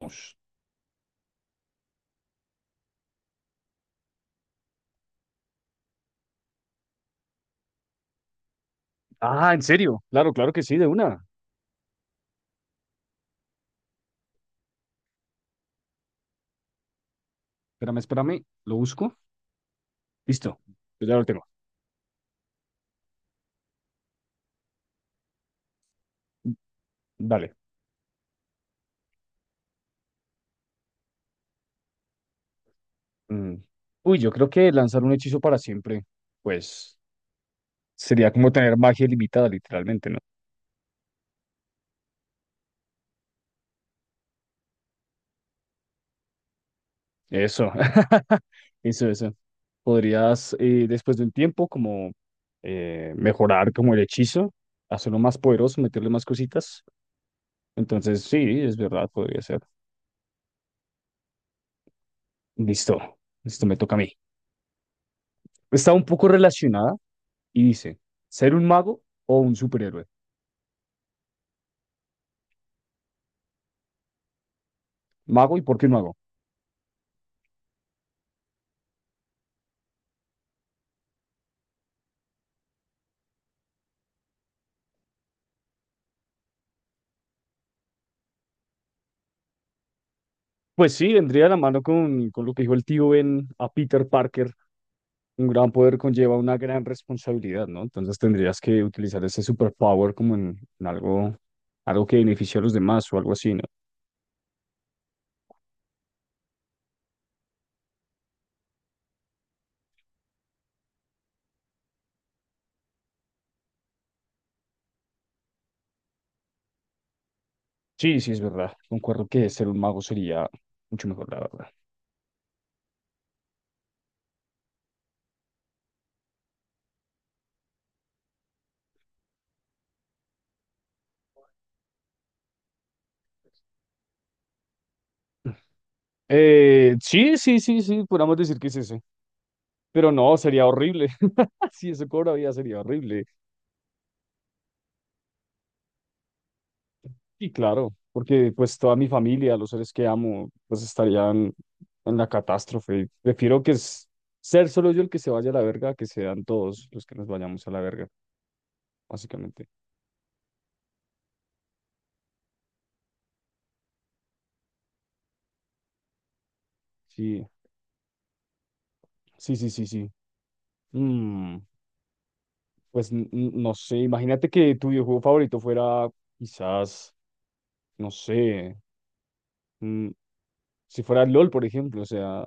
Ush. Ah, ¿en serio? Claro, claro que sí, de una. Espérame, espérame, lo busco. Listo, pues ya lo tengo. Dale. Mm. Uy, yo creo que lanzar un hechizo para siempre, pues sería como tener magia ilimitada, literalmente, ¿no? Eso, eso, eso. Podrías, después de un tiempo, como mejorar como el hechizo, hacerlo más poderoso, meterle más cositas. Entonces, sí, es verdad, podría ser. Listo, listo, me toca a mí. Está un poco relacionada, y dice, ¿ser un mago o un superhéroe? ¿Mago y por qué mago? Pues sí, vendría de la mano con lo que dijo el tío Ben a Peter Parker. Un gran poder conlleva una gran responsabilidad, ¿no? Entonces tendrías que utilizar ese superpower como en algo, algo que beneficie a los demás o algo así, ¿no? Sí, sí, es verdad. Concuerdo que ser un mago sería mucho mejor, la verdad. Sí, sí, sí, sí, podríamos decir que es ese. Pero no, sería horrible. Si eso cobra vida, sería horrible. Sí, claro, porque pues toda mi familia, los seres que amo, pues estarían en la catástrofe. Prefiero que es ser solo yo el que se vaya a la verga, que sean todos los que nos vayamos a la verga, básicamente. Sí, sí, sí, sí, sí. Mm, pues no sé, imagínate que tu videojuego favorito fuera quizás, no sé, mm, si fuera LOL, por ejemplo, o sea,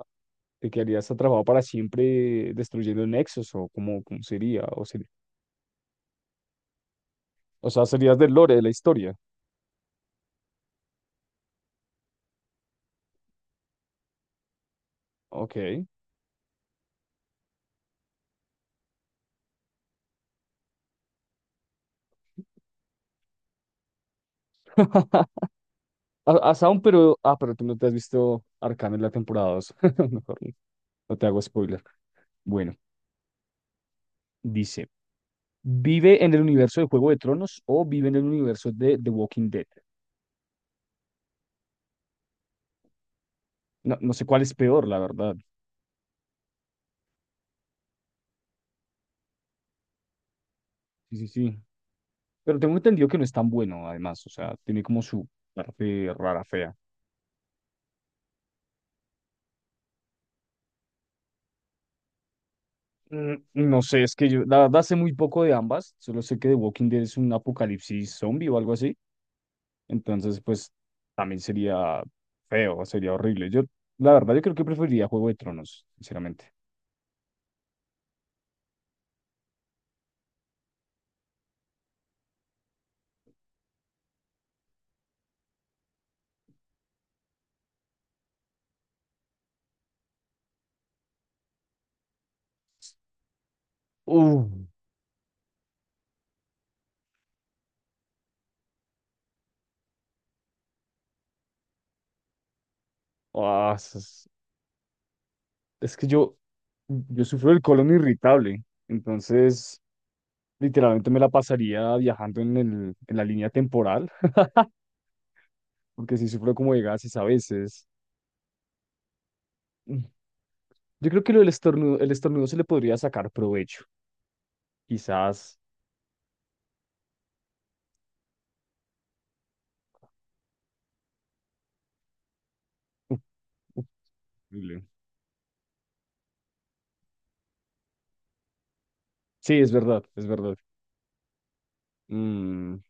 te quedarías atrapado para siempre destruyendo nexos o cómo, cómo sería, o, o sea, serías del lore de la historia. Ok. A Sound, pero. Ah, pero tú no te has visto Arcane en la temporada dos. Mejor no no te hago spoiler. Bueno, dice: ¿Vive en el universo de Juego de Tronos o vive en el universo de The Walking Dead? No, no sé cuál es peor, la verdad. Sí, sí, sí. Pero tengo entendido que no es tan bueno, además. O sea, tiene como su parte rara, fea. Mm, no sé, es que yo, la verdad, sé muy poco de ambas. Solo sé que The Walking Dead es un apocalipsis zombie o algo así. Entonces, pues también sería feo, sería horrible. Yo, la verdad, yo creo que preferiría Juego de Tronos, sinceramente. Uh, Ah, es que yo sufro del colon irritable, entonces literalmente me la pasaría viajando en el, en la línea temporal, porque sí sufro como de gases a veces. Mm, yo creo que lo del estornudo, el estornudo se le podría sacar provecho, quizás. Uf, uf, horrible. Sí, es verdad, es verdad. Mm,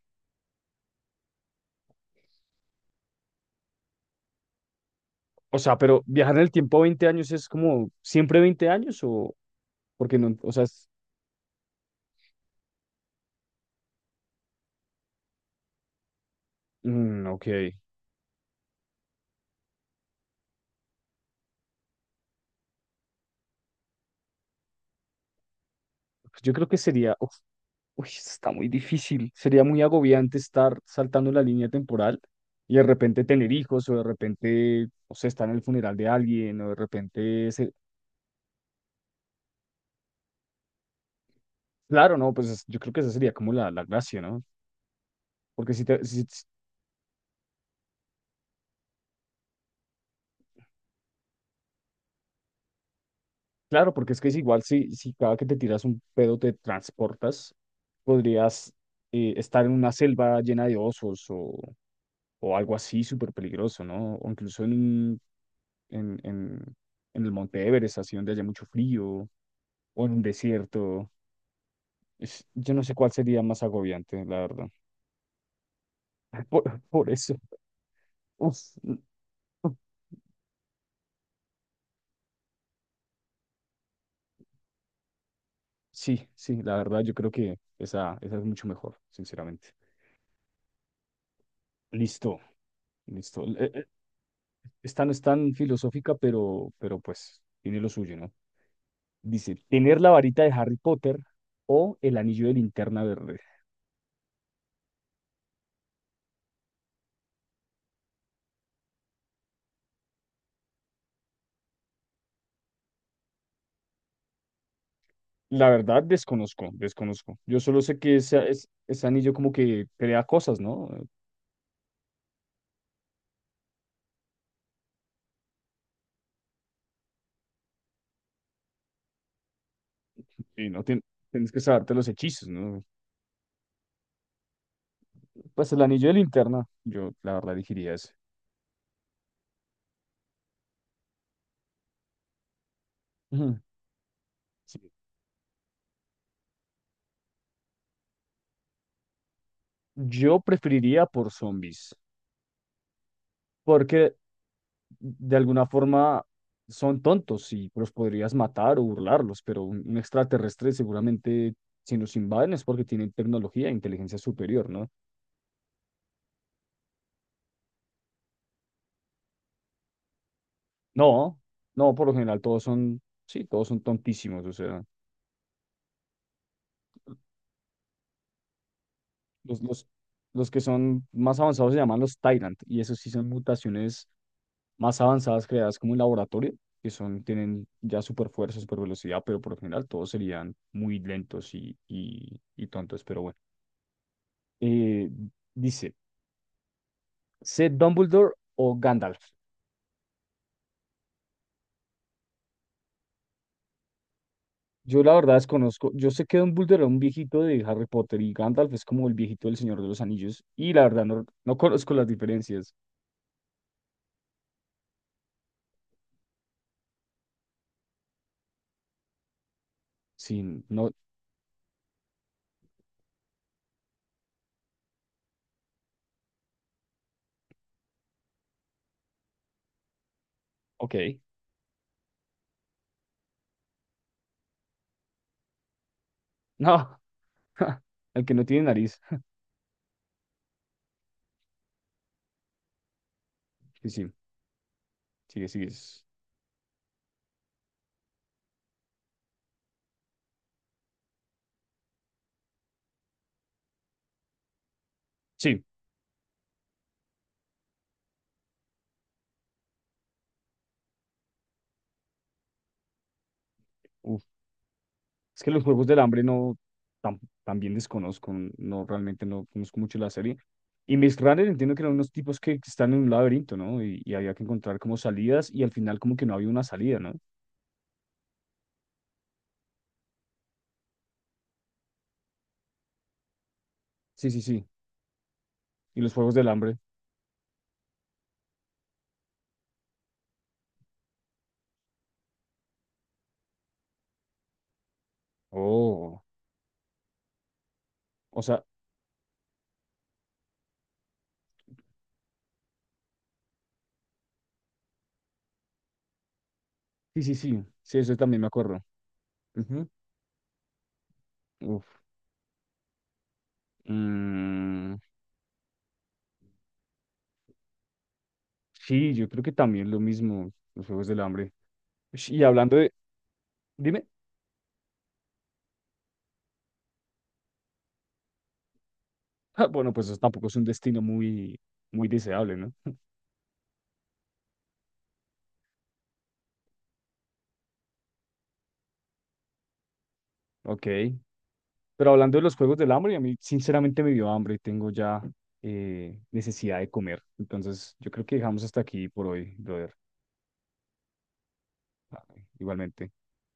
o sea, pero viajar en el tiempo 20 años es como siempre 20 años o porque no, o sea, mm, ok. Pues yo creo que sería, uf, uy, esto está muy difícil. Sería muy agobiante estar saltando la línea temporal y de repente tener hijos o de repente, o sea, estar en el funeral de alguien o de repente, claro, no, pues yo creo que esa sería como la gracia, ¿no? Porque si te, claro, porque es que es igual si, si cada que te tiras un pedo te transportas, podrías estar en una selva llena de osos o algo así súper peligroso, ¿no? O incluso en, en, en, en el Monte Everest, así donde haya mucho frío, o en un desierto. Yo no sé cuál sería más agobiante, la verdad. Por eso. Uf, no. Sí, sí, la verdad yo creo que esa es mucho mejor, sinceramente. Listo, listo. Esta no es tan filosófica, pero pues tiene lo suyo, ¿no? Dice, ¿tener la varita de Harry Potter o el anillo de linterna verde? La verdad, desconozco, desconozco. Yo solo sé que ese, ese anillo como que crea cosas, ¿no? Y no tien- tienes que saberte los hechizos, ¿no? Pues el anillo de linterna, yo la verdad elegiría ese. Ujú, sí. Yo preferiría por zombies, porque de alguna forma son tontos y los podrías matar o burlarlos, pero un extraterrestre seguramente si nos invaden es porque tienen tecnología e inteligencia superior, ¿no? No, no, por lo general todos son, sí, todos son tontísimos, o sea. Los, los, los que son más avanzados se llaman los Tyrant, y esos sí son mutaciones más avanzadas creadas como en laboratorio, que son, tienen ya super fuerza, super velocidad, pero por lo general todos serían muy lentos y tontos, pero bueno. Eh, dice, ¿sé Dumbledore o Gandalf? Yo la verdad desconozco, yo sé que Dumbledore era un viejito de Harry Potter y Gandalf es como el viejito del Señor de los Anillos, y la verdad no, no conozco las diferencias. Sí, no, ok, no, el que no tiene nariz. Sí, sí, sigue, sigue. Sí, uf, es que los Juegos del Hambre no, tam- también desconozco, no realmente no conozco mucho la serie. Y Maze Runner entiendo que eran unos tipos que están en un laberinto, ¿no? Y había que encontrar como salidas y al final como que no había una salida, ¿no? Sí, sí, sí. Y los Juegos del Hambre. Oh, o sea, sí, sí, sí. Sí, eso también me acuerdo. Ujú, uf. Mm, sí, yo creo que también lo mismo, los Juegos del Hambre. Ush, y hablando de... Dime. Ah, bueno, pues eso tampoco es un destino muy, muy deseable, ¿no? Ok. Pero hablando de los juegos del hambre, a mí sinceramente me dio hambre y tengo ya necesidad de comer. Entonces, yo creo que dejamos hasta aquí por hoy, brother. Ah, igualmente.